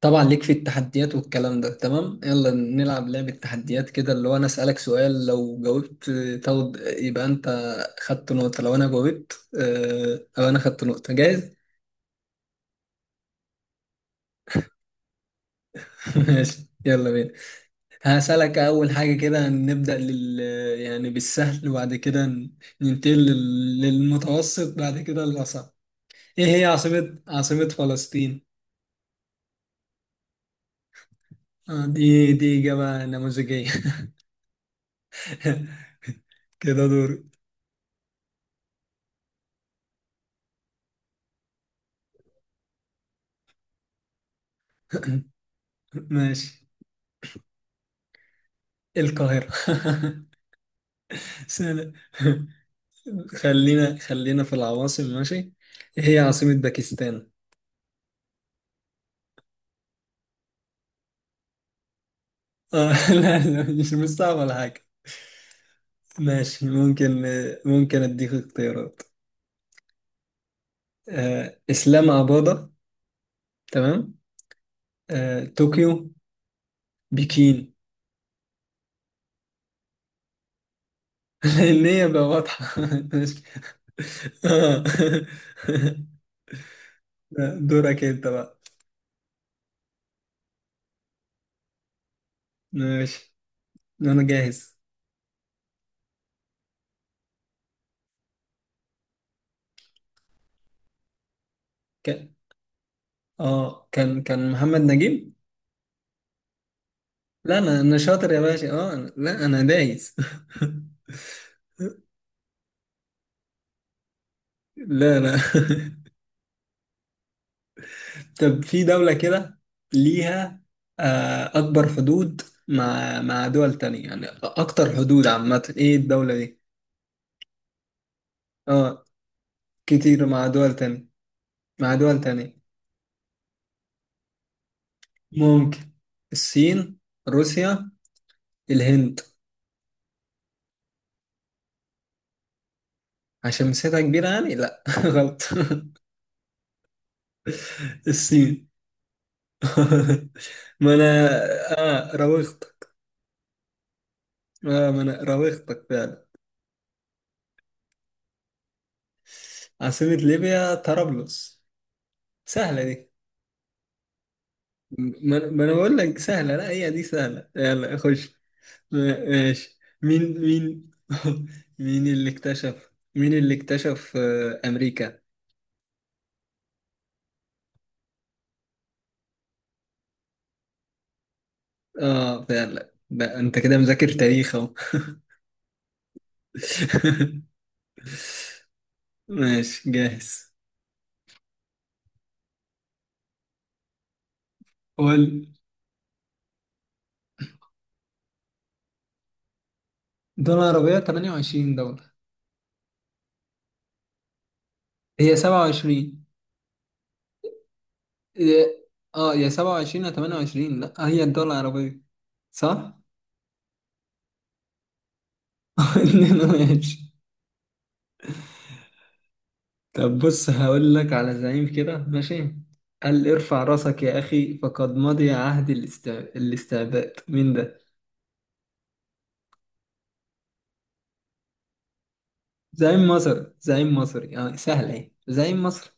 طبعا ليك في التحديات والكلام ده، تمام. يلا نلعب لعبة تحديات كده، اللي هو انا اسألك سؤال. لو جاوبت تاخد يبقى انت خدت نقطة، لو انا جاوبت او انا خدت نقطة. جاهز؟ ماشي. يلا بينا. هسألك اول حاجة كده، نبدأ يعني بالسهل، وبعد كده ننتقل للمتوسط، بعد كده للأصعب. ايه هي عاصمة فلسطين؟ دي إجابة نموذجية. كده دور. ماشي. القاهرة. سنة. خلينا في العواصم، ماشي. إيه هي عاصمة باكستان؟ آه. لا لا، مش صعب ولا حاجة. ماشي، ممكن اديك اختيارات. اسلام اباضة، تمام. طوكيو، بكين. لان هي بقى واضحة. ماشي. آه. لا، دورك انت بقى. ماشي، انا جاهز. كان اه كان كان محمد نجيب. لا، انا شاطر يا باشا. اه لا انا دايس. لا انا. طب في دولة كده ليها اكبر حدود مع دول تانية، يعني اكتر حدود عامة. ايه الدولة دي؟ اه، كتير مع دول تانية، مع دول تانية. ممكن. الصين، روسيا، الهند. عشان مساحتها كبيرة يعني. لا. غلط. الصين. ما انا، اه راوغت. اه ما انا راوغتك فعلا. عاصمة ليبيا طرابلس، سهلة دي. ما انا بقول لك سهلة، لا هي دي سهلة. يلا خش. ماشي. مين مين مين اللي اكتشف امريكا؟ اه، فعلا بقى انت كده مذاكر تاريخ اهو. ماشي جاهز. قول. دول عربية 28 دولة، هي 27. إيه، اه، يا 27 يا 28. لا، هي الدول العربية، صح؟ ماشي. طب بص، هقول لك على زعيم كده، ماشي. قال: ارفع راسك يا أخي فقد مضي عهد الاستعباد. مين ده؟ زعيم مصر، زعيم مصري. اه سهل، ايه زعيم مصر.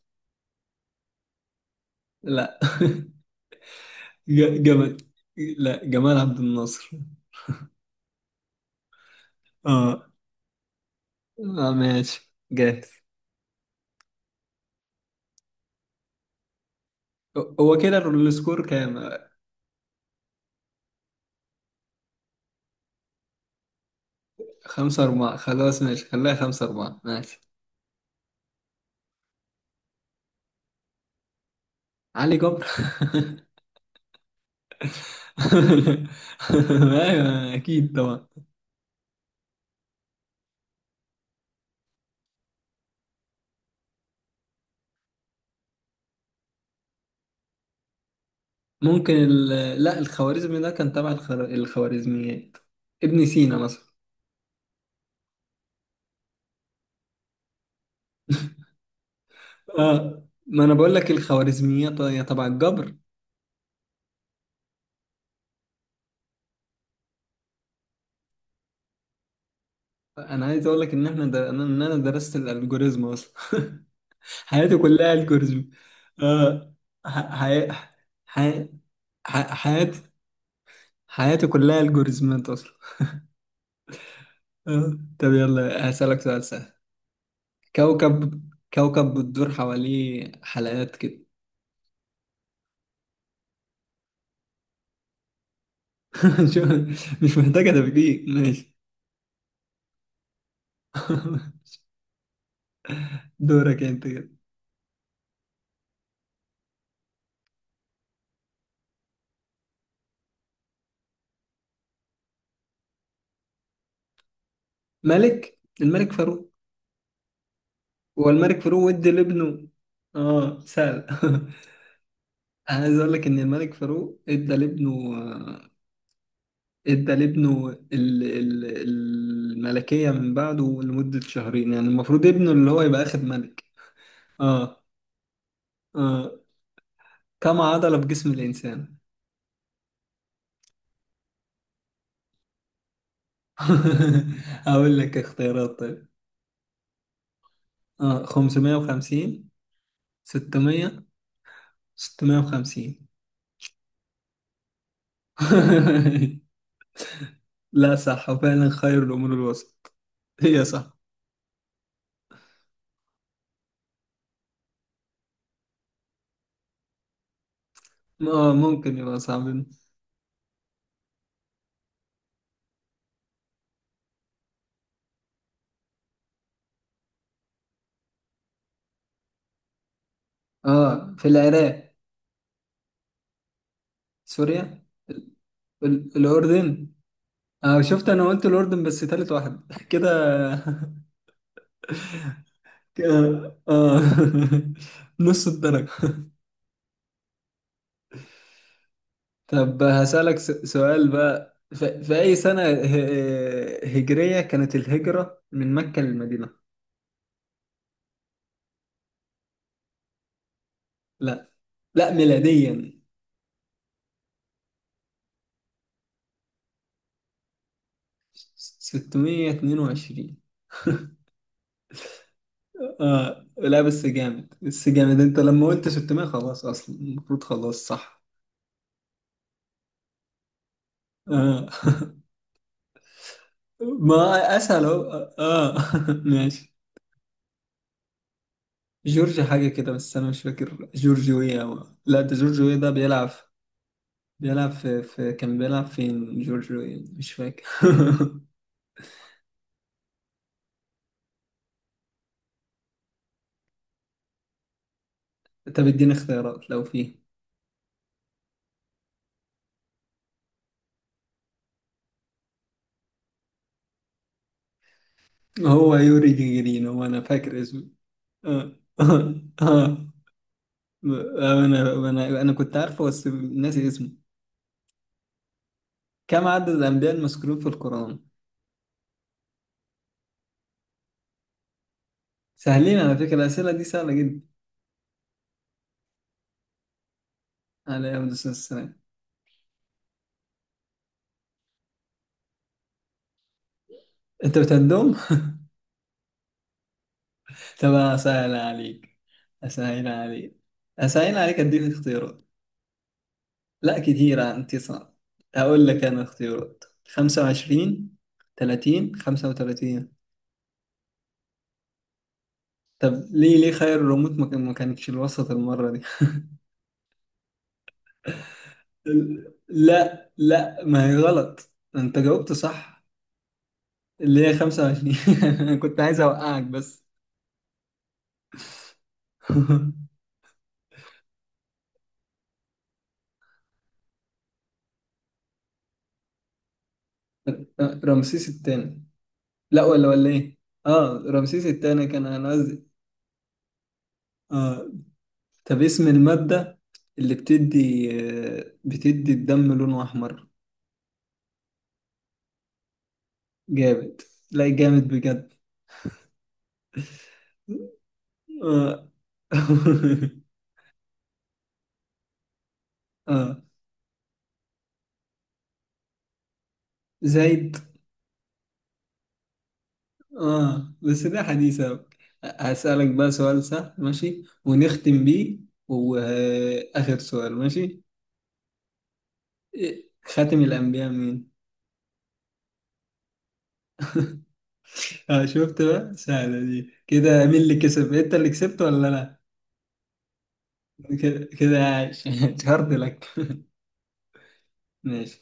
لا. جمال. لا، جمال عبد الناصر. اه، اه، ماشي جاهز. هو كده السكور كام؟ 5-4. خلاص ماشي، خليها 5-4. ماشي. علي جبر. ايوه اكيد طبعا. ممكن لا، الخوارزمي ده كان تبع الخوارزميات. ابن سينا مثلا. اه، ما انا بقول لك الخوارزميات هي تبع الجبر. انا عايز اقول لك ان انا درست الالجوريزم اصلا. حياتي كلها الجوريزم. اه ح... حي... حي... ح... حياتي حياتي كلها الجوريزمات اصلا. اه، طب يلا، هسألك سؤال سهل. كوكب، بتدور حواليه حلقات كده. شو- مش محتاجة تفكير، ماشي. دورك انت كده. الملك فاروق. هو الملك فاروق ادى لابنه، اه سهل. انا عايز اقول لك ان الملك فاروق ادى لابنه الملكية من بعده لمدة شهرين، يعني المفروض ابنه اللي هو يبقى اخد ملك. اه، اه، كم عضلة في جسم الانسان؟ اقول لك اختيارات، طيب. اه 550، 600، 650. لا صح، وفعلا خير الأمور الوسط. هي صح. اه، ممكن يبقى صعبين. اه، في العراق، سوريا. ال- الأردن. اه شفت، انا قلت الأردن بس تالت واحد. كده كده. اه. نص الدرجة. طب هسألك سؤال بقى. في أي سنة هجرية كانت الهجرة من مكة للمدينة؟ لا، لا ميلاديا. 622. اه، لا بس جامد، بس جامد انت لما قلت 600. خلاص، اصلا المفروض خلاص صح. اه. ما اسهل اهو. اه. ماشي. جورج حاجه كده، بس انا مش فاكر. جورج ويا لا، ده جورج ويا ده بيلعب. بيلعب في, في كان بيلعب فين جورج ويا، مش فاكر. طب اديني اختيارات لو فيه. هو يوري جيجرين، هو انا فاكر اسمه. اه. اه. آه. انا كنت عارفه بس ناسي اسمه. كم عدد الأنبياء المذكورين في القرآن؟ سهلين، على فكرة الأسئلة دي سهلة جدا. عليه أفضل الصلاة والسلام. أنت بتهدم؟ طب أسهل عليك، أسهل عليك أديك اختيارات. لا كتيرة، أنت صعب. أقول لك أنا اختيارات: 25، 30، 35. طب ليه، خير الريموت ما كانتش الوسط المرة دي؟ لا لا، ما هي غلط. أنت جاوبت صح، اللي هي 25. أنا كنت عايز أوقعك بس. رمسيس الثاني. لا، ولا ايه. اه رمسيس الثاني كان انا قصدي. اه. طب اسم المادة اللي بتدي الدم لونه احمر؟ جامد. لا جامد بجد. اه. اه، زايد. اه بس ده حديث أوي. هسألك بقى سؤال سهل ماشي، ونختم بيه. وآخر سؤال، ماشي. إيه، خاتم الأنبياء مين؟ اه شفت بقى، سهلة دي كده. مين اللي كسب؟ أنت اللي كسبت ولا أنا؟ كده كده عايش. اتشهرت لك. ماشي.